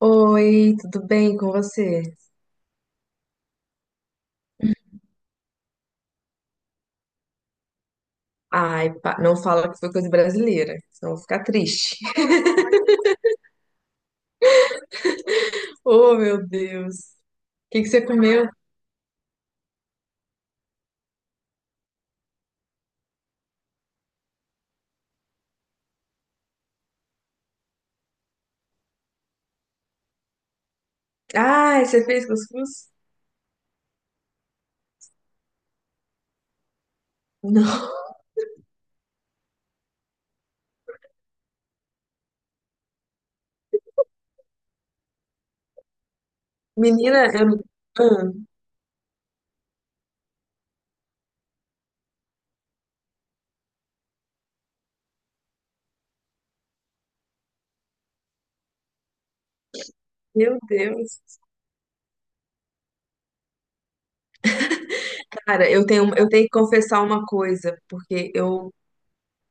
Oi, tudo bem com você? Ai, não fala que foi coisa brasileira, senão eu vou ficar triste. Oh, meu Deus. O que que você comeu? Ai, você fez cuscuz? Não. Menina, eu. Ah, meu Deus. Cara, eu tenho que confessar uma coisa, porque eu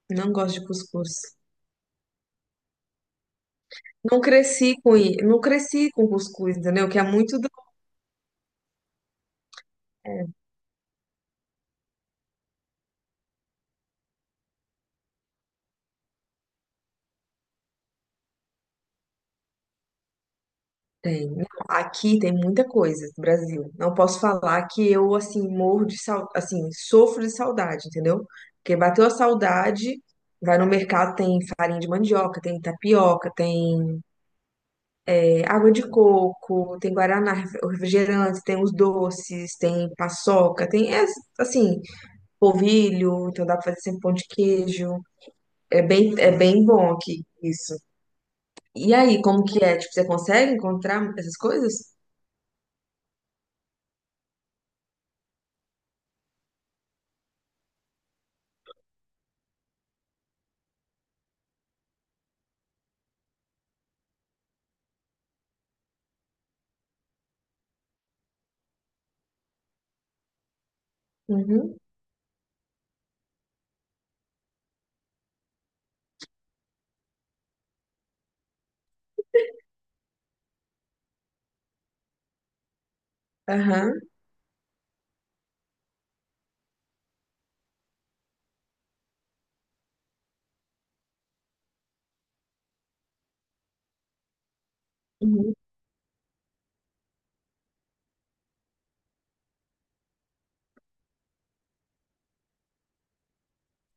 não gosto de cuscuz. Não cresci com cuscuz, entendeu? Que é muito. Tem. Não, aqui tem muita coisa no Brasil. Não posso falar que eu, assim, morro de saudade, assim, sofro de saudade, entendeu? Porque bateu a saudade, vai no mercado, tem farinha de mandioca, tem tapioca, tem água de coco, tem guaraná, refrigerante, tem os doces, tem paçoca, tem, assim, polvilho, então dá pra fazer sempre pão de queijo. É bem bom aqui, isso. E aí, como que é? Tipo, você consegue encontrar essas coisas? Uhum, aham. Uhum.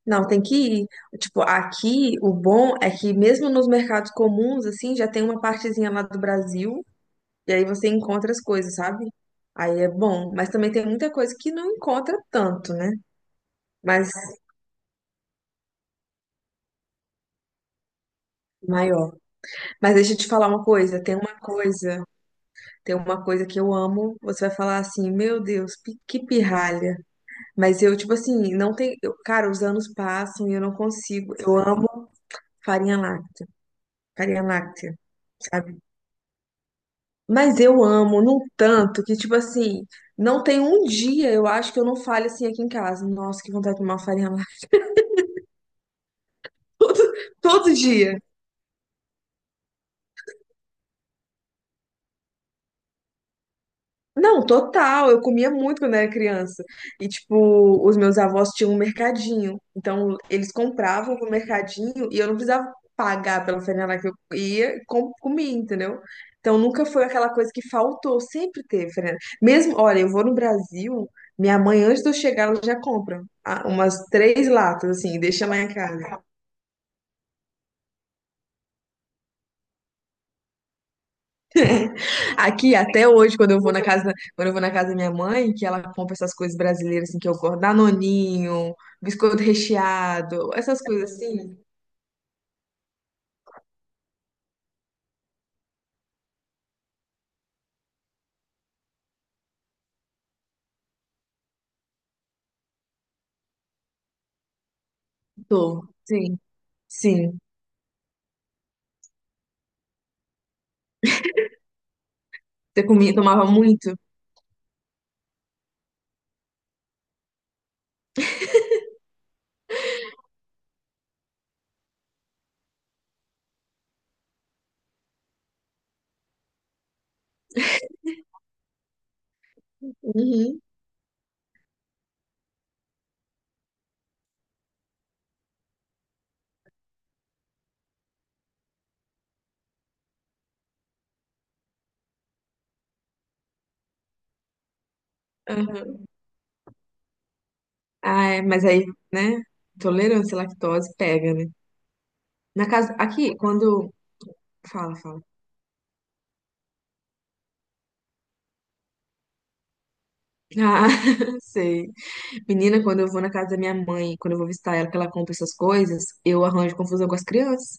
Não, tem que ir. Tipo, aqui o bom é que mesmo nos mercados comuns, assim, já tem uma partezinha lá do Brasil, e aí você encontra as coisas, sabe? Aí é bom, mas também tem muita coisa que não encontra tanto, né? Mas maior. Mas deixa eu te falar uma coisa, tem uma coisa que eu amo, você vai falar assim, meu Deus, que pirralha. Mas eu, tipo assim, não tem, cara, os anos passam e eu não consigo. Eu amo farinha láctea, farinha láctea, sabe? Mas eu amo num tanto que, tipo assim, não tem um dia, eu acho, que eu não fale assim aqui em casa. Nossa, que vontade de tomar uma farinha lá. Todo, todo dia. Não, total. Eu comia muito quando era criança. E, tipo, os meus avós tinham um mercadinho. Então, eles compravam no mercadinho e eu não precisava pagar pela franela que eu ia e comia, entendeu? Então, nunca foi aquela coisa que faltou. Sempre teve franela. Mesmo, olha, eu vou no Brasil, minha mãe, antes de eu chegar, ela já compra umas três latas, assim, e deixa lá em casa. Aqui, até hoje, quando eu vou na casa, quando eu vou na casa da minha mãe, que ela compra essas coisas brasileiras assim que eu gosto, danoninho, biscoito recheado, essas coisas assim. Tô, sim, sim. Você comia, tomava muito? Uhum. Aham. Ah, é, mas aí, né? Intolerância à lactose pega, né? Na casa, aqui, quando. Fala, fala. Ah, sei. Menina, quando eu vou na casa da minha mãe, quando eu vou visitar ela, que ela compra essas coisas, eu arranjo confusão com as crianças.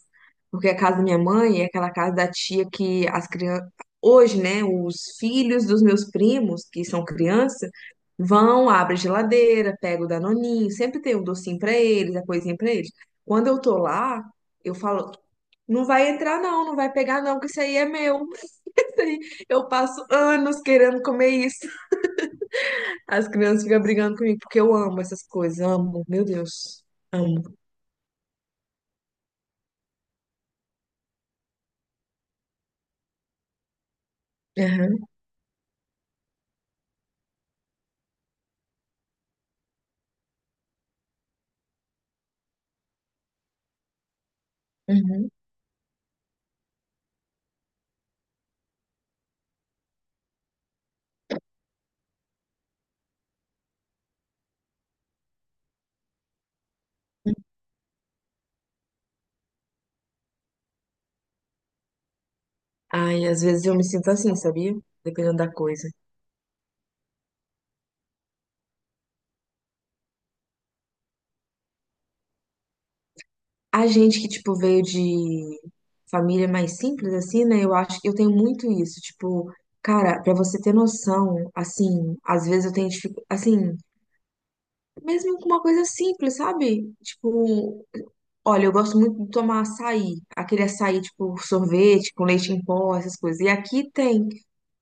Porque a casa da minha mãe é aquela casa da tia que as crianças. Hoje, né, os filhos dos meus primos, que são criança, vão, abrem a geladeira, pegam o Danoninho, sempre tem um docinho pra eles, a coisinha pra eles. Quando eu tô lá, eu falo: não vai entrar, não, não vai pegar, não, que isso aí é meu. Isso aí. Eu passo anos querendo comer isso. As crianças ficam brigando comigo, porque eu amo essas coisas, amo, meu Deus, amo. Aham, uhum. Ai, às vezes eu me sinto assim, sabia? Dependendo da coisa. A gente que, tipo, veio de família mais simples, assim, né? Eu acho que eu tenho muito isso. Tipo, cara, pra você ter noção, assim, às vezes eu tenho dificuldade, assim, mesmo com uma coisa simples, sabe? Tipo, olha, eu gosto muito de tomar açaí, aquele açaí tipo sorvete com leite em pó, essas coisas. E aqui tem,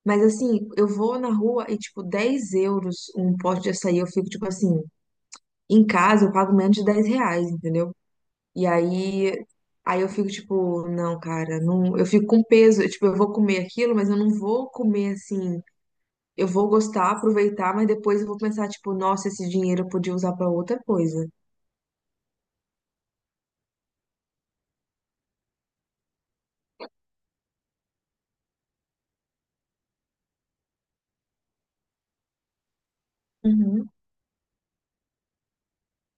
mas assim, eu vou na rua e tipo 10 euros um pote de açaí, eu fico tipo assim, em casa eu pago menos de 10 reais, entendeu? E aí, aí eu fico tipo, não, cara, não, eu fico com peso, eu, tipo, eu vou comer aquilo, mas eu não vou comer assim, eu vou gostar, aproveitar, mas depois eu vou pensar tipo, nossa, esse dinheiro eu podia usar pra outra coisa. Uhum.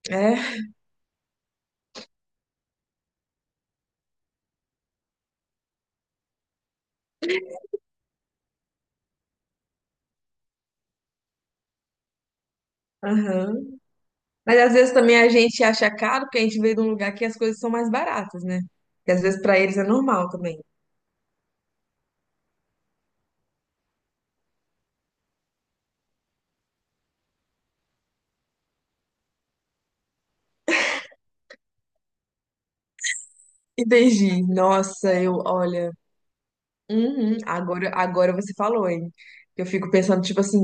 É, aham. Mas às vezes também a gente acha caro porque a gente veio de um lugar que as coisas são mais baratas, né? Que às vezes pra eles é normal também. Entendi. Nossa, eu, olha, uhum, agora, agora você falou, hein? Eu fico pensando, tipo assim,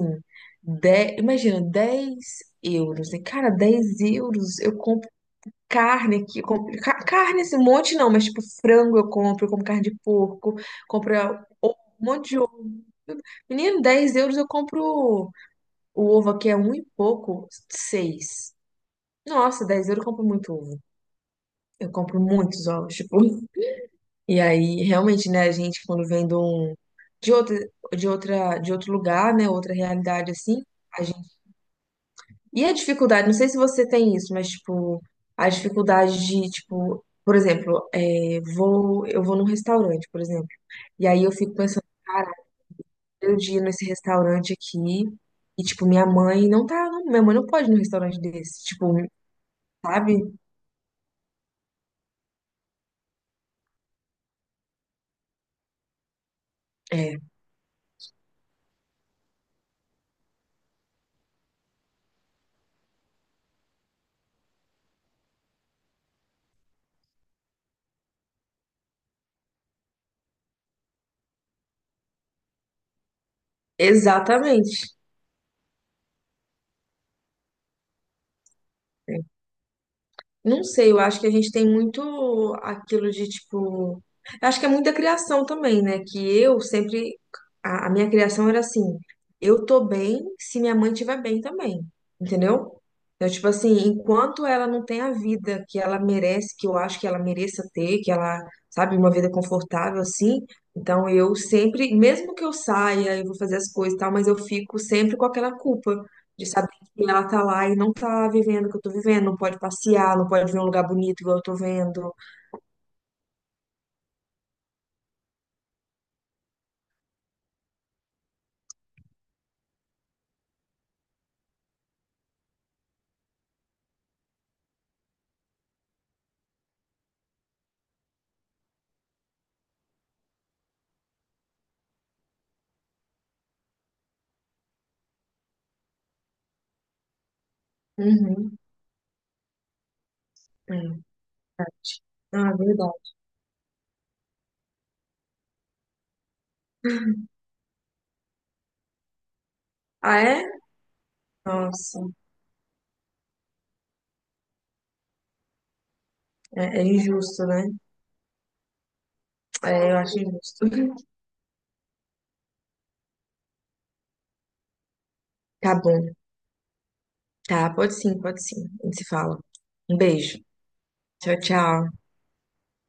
10, imagina, 10 euros, né? Cara, 10 euros, eu compro carne aqui, eu compro, carne esse monte não, mas tipo frango eu compro carne de porco, compro um monte de ovo. Menino, 10 euros eu compro. O ovo aqui é um e pouco, seis. Nossa, 10 euros eu compro muito ovo. Eu compro muitos ovos, tipo. E aí, realmente, né, a gente, quando vem de um, de outra, de outro lugar, né, outra realidade, assim, a gente. E a dificuldade, não sei se você tem isso, mas, tipo, a dificuldade de, tipo, por exemplo, é, vou, eu vou num restaurante, por exemplo, e aí eu fico pensando, cara, eu dia nesse restaurante aqui, e, tipo, minha mãe não tá, minha mãe não pode ir num restaurante desse, tipo, sabe? É, exatamente. É. Não sei, eu acho que a gente tem muito aquilo de tipo. Eu acho que é muita criação também, né? Que eu sempre. A minha criação era assim: eu tô bem se minha mãe estiver bem também, entendeu? Então, tipo assim, enquanto ela não tem a vida que ela merece, que eu acho que ela mereça ter, que ela, sabe, uma vida confortável assim. Então, eu sempre, mesmo que eu saia e vou fazer as coisas e tal, mas eu fico sempre com aquela culpa. De saber. E ela tá lá e não tá vivendo o que eu tô vivendo, não pode passear, não pode ver um lugar bonito igual eu tô vendo. Uhum. É, verdade. Ah, é verdade. Ah, é? Nossa, é, é injusto, né? É, eu acho injusto. Tá bom. Tá, pode sim, pode sim. A gente se fala. Um beijo. Tchau, tchau.